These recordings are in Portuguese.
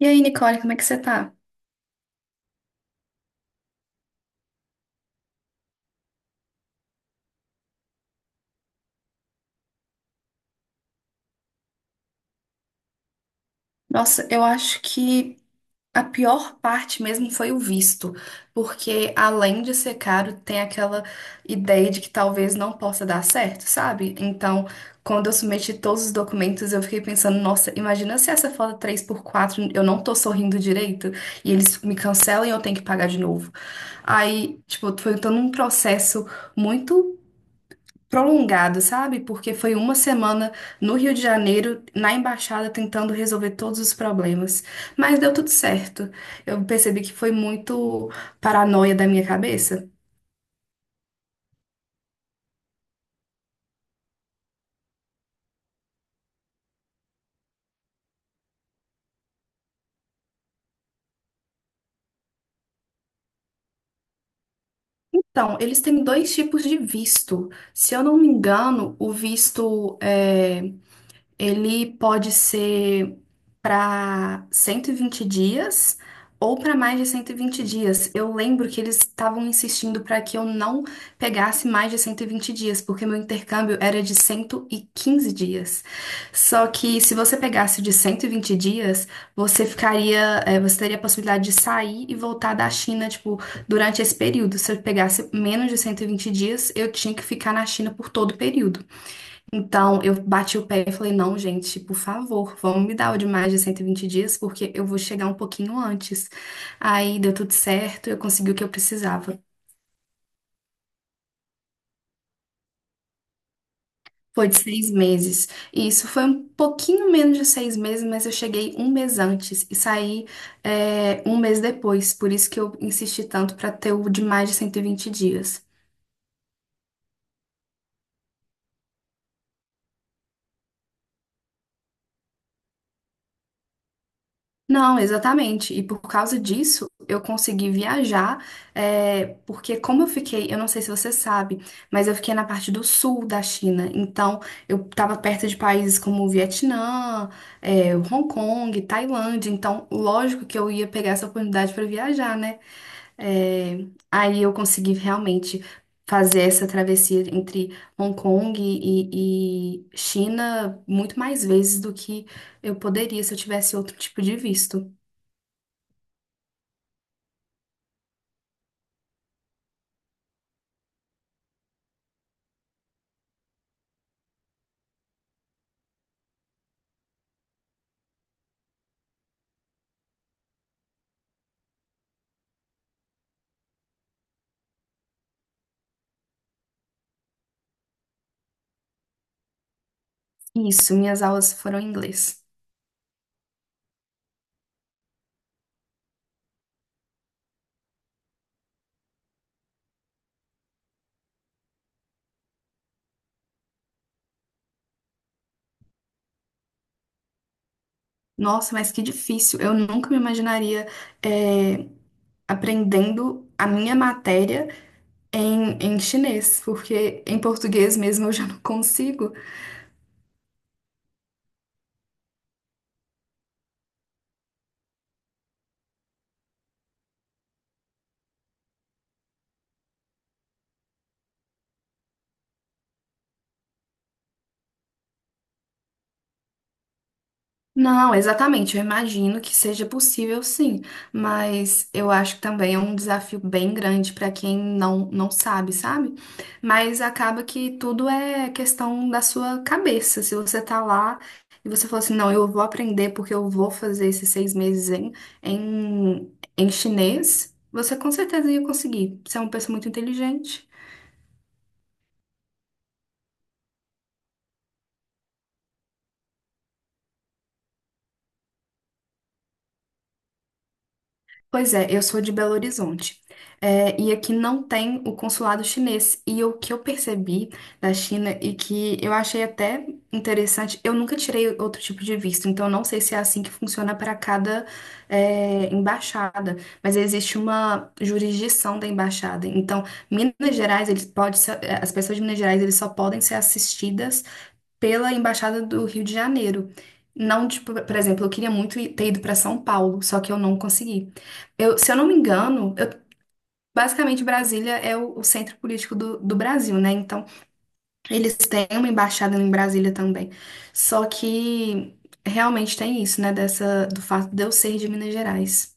E aí, Nicole, como é que você tá? Nossa, eu acho que a pior parte mesmo foi o visto, porque além de ser caro, tem aquela ideia de que talvez não possa dar certo, sabe? Então, quando eu submeti todos os documentos, eu fiquei pensando, nossa, imagina se essa foto 3x4 eu não tô sorrindo direito e eles me cancelam e eu tenho que pagar de novo. Aí, tipo, foi todo um processo muito prolongado, sabe? Porque foi uma semana no Rio de Janeiro, na embaixada, tentando resolver todos os problemas. Mas deu tudo certo. Eu percebi que foi muito paranoia da minha cabeça. Então, eles têm dois tipos de visto. Se eu não me engano, o visto ele pode ser para 120 dias ou para mais de 120 dias. Eu lembro que eles estavam insistindo para que eu não pegasse mais de 120 dias, porque meu intercâmbio era de 115 dias. Só que se você pegasse o de 120 dias, você ficaria, você teria a possibilidade de sair e voltar da China, tipo, durante esse período. Se eu pegasse menos de 120 dias, eu tinha que ficar na China por todo o período. Então, eu bati o pé e falei, não, gente, por favor, vamos me dar o de mais de 120 dias, porque eu vou chegar um pouquinho antes. Aí deu tudo certo, eu consegui o que eu precisava. Foi de 6 meses. E isso foi um pouquinho menos de 6 meses, mas eu cheguei um mês antes e saí, um mês depois. Por isso que eu insisti tanto para ter o de mais de 120 dias. Não, exatamente. E por causa disso, eu consegui viajar, porque como eu fiquei, eu não sei se você sabe, mas eu fiquei na parte do sul da China. Então, eu estava perto de países como o Vietnã, Hong Kong, Tailândia. Então, lógico que eu ia pegar essa oportunidade para viajar, né? Aí eu consegui realmente fazer essa travessia entre Hong Kong e China muito mais vezes do que eu poderia se eu tivesse outro tipo de visto. Isso, minhas aulas foram em inglês. Nossa, mas que difícil. Eu nunca me imaginaria eh, aprendendo a minha matéria em chinês, porque em português mesmo eu já não consigo. Não, exatamente. Eu imagino que seja possível, sim, mas eu acho que também é um desafio bem grande para quem não sabe, sabe? Mas acaba que tudo é questão da sua cabeça. Se você tá lá e você fala assim, não, eu vou aprender porque eu vou fazer esses 6 meses em, em chinês, você com certeza ia conseguir. Você é uma pessoa muito inteligente. Pois é, eu sou de Belo Horizonte. É, e aqui não tem o consulado chinês. E o que eu percebi da China e que eu achei até interessante, eu nunca tirei outro tipo de visto, então eu não sei se é assim que funciona para cada, embaixada, mas existe uma jurisdição da embaixada. Então, Minas Gerais, eles pode ser- eh, as pessoas de Minas Gerais, eles só podem ser assistidas pela Embaixada do Rio de Janeiro. Não, tipo, por exemplo, eu queria muito ir- ter ido para São Paulo, só que eu não consegui. Eu, se eu não me engano, eu- Basicamente Brasília é o centro político do Brasil, né? Então, eles têm uma embaixada em Brasília também. Só que realmente tem isso, né? Dessa, do fato de eu ser de Minas Gerais.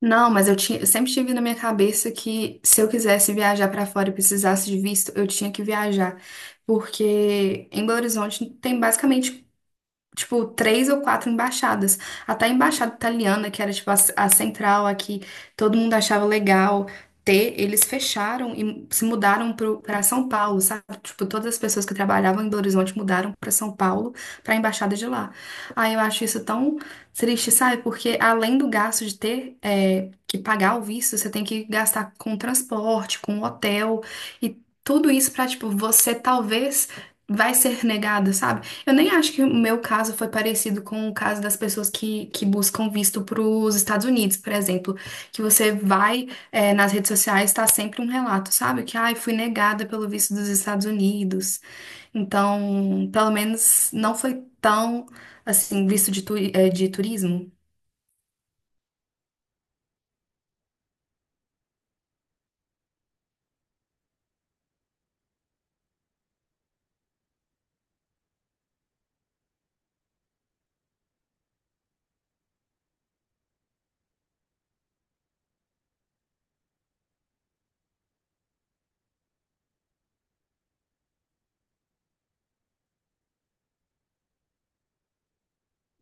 Não, mas eu tinha, eu sempre tive na minha cabeça que se eu quisesse viajar para fora e precisasse de visto, eu tinha que viajar. Porque em Belo Horizonte tem basicamente tipo, três ou quatro embaixadas. Até a embaixada italiana, que era, tipo, a central aqui, todo mundo achava legal ter, eles fecharam e se mudaram para São Paulo, sabe? Tipo, todas as pessoas que trabalhavam em Belo Horizonte mudaram para São Paulo, para a embaixada de lá. Aí eu acho isso tão triste, sabe? Porque além do gasto de ter que pagar o visto, você tem que gastar com transporte, com hotel e tudo isso para, tipo, você talvez vai ser negado, sabe? Eu nem acho que o meu caso foi parecido com o caso das pessoas que buscam visto para os Estados Unidos, por exemplo, que você vai nas redes sociais, está sempre um relato, sabe? Que, ai, fui negada pelo visto dos Estados Unidos. Então, pelo menos não foi tão, assim, visto de, turi- é, de turismo.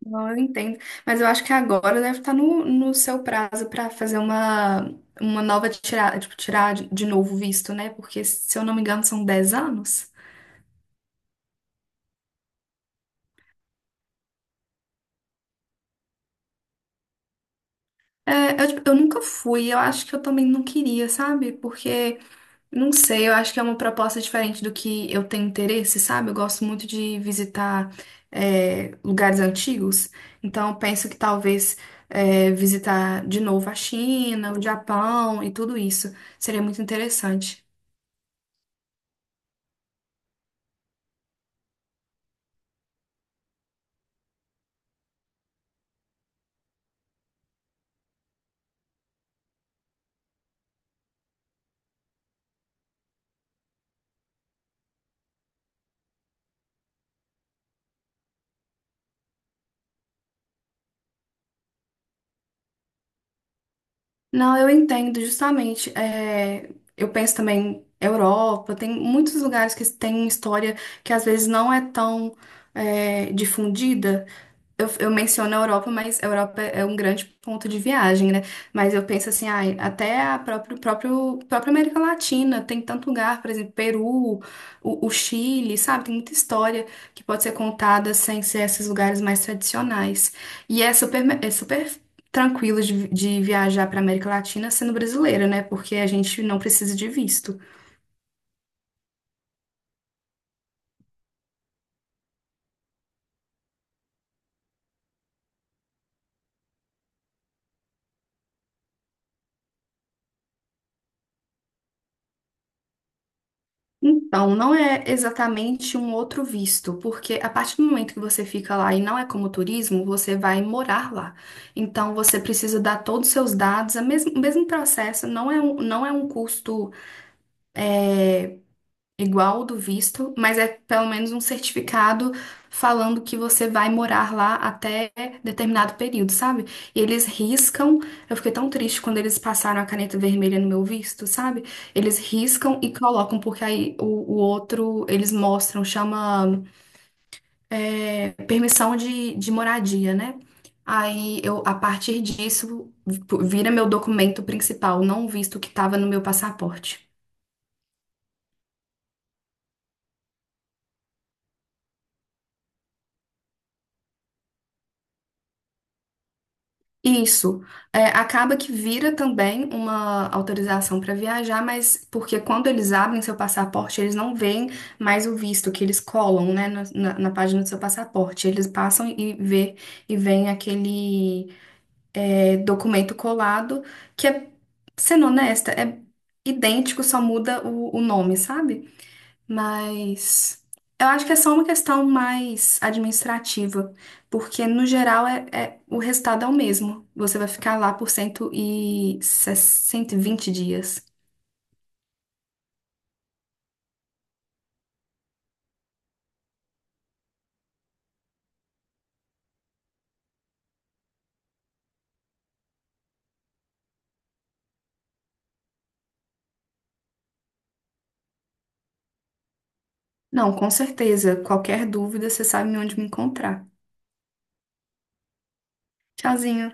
Não, eu entendo. Mas eu acho que agora deve estar no seu prazo para fazer uma nova tirada, tipo, tirar de novo o visto, né? Porque, se eu não me engano, são 10 anos. É, eu, tipo, eu nunca fui, eu acho que eu também não queria, sabe? Porque, não sei, eu acho que é uma proposta diferente do que eu tenho interesse, sabe? Eu gosto muito de visitar, lugares antigos, então eu penso que talvez, visitar de novo a China, o Japão e tudo isso seria muito interessante. Não, eu entendo, justamente. Eu penso também Europa, tem muitos lugares que têm história que às vezes não é tão, difundida. Eu menciono a Europa, mas a Europa é um grande ponto de viagem, né? Mas eu penso assim, ai, até a própria América Latina tem tanto lugar, por exemplo, Peru, o Chile, sabe? Tem muita história que pode ser contada sem ser esses lugares mais tradicionais. E é super tranquilo de viajar para América Latina sendo brasileira, né? Porque a gente não precisa de visto. Então, não é exatamente um outro visto, porque a partir do momento que você fica lá e não é como turismo, você vai morar lá. Então, você precisa dar todos os seus dados, o mesmo processo, não é um custo eh, igual ao do visto, mas é pelo menos um certificado falando que você vai morar lá até determinado período, sabe? E eles riscam. Eu fiquei tão triste quando eles passaram a caneta vermelha no meu visto, sabe? Eles riscam e colocam, porque aí o outro eles mostram, chama permissão de moradia, né? Aí eu, a partir disso, vira meu documento principal, não o visto que estava no meu passaporte. Isso. É, acaba que vira também uma autorização para viajar, mas porque quando eles abrem seu passaporte, eles não veem mais o visto que eles colam, né, na página do seu passaporte. Eles passam e vê e vem aquele documento colado que sendo honesta, é idêntico, só muda o nome, sabe? Mas eu acho que é só uma questão mais administrativa, porque no geral o resultado é o mesmo. Você vai ficar lá por 160 e 20 dias. Não, com certeza. Qualquer dúvida, você sabe onde me encontrar. Tchauzinho.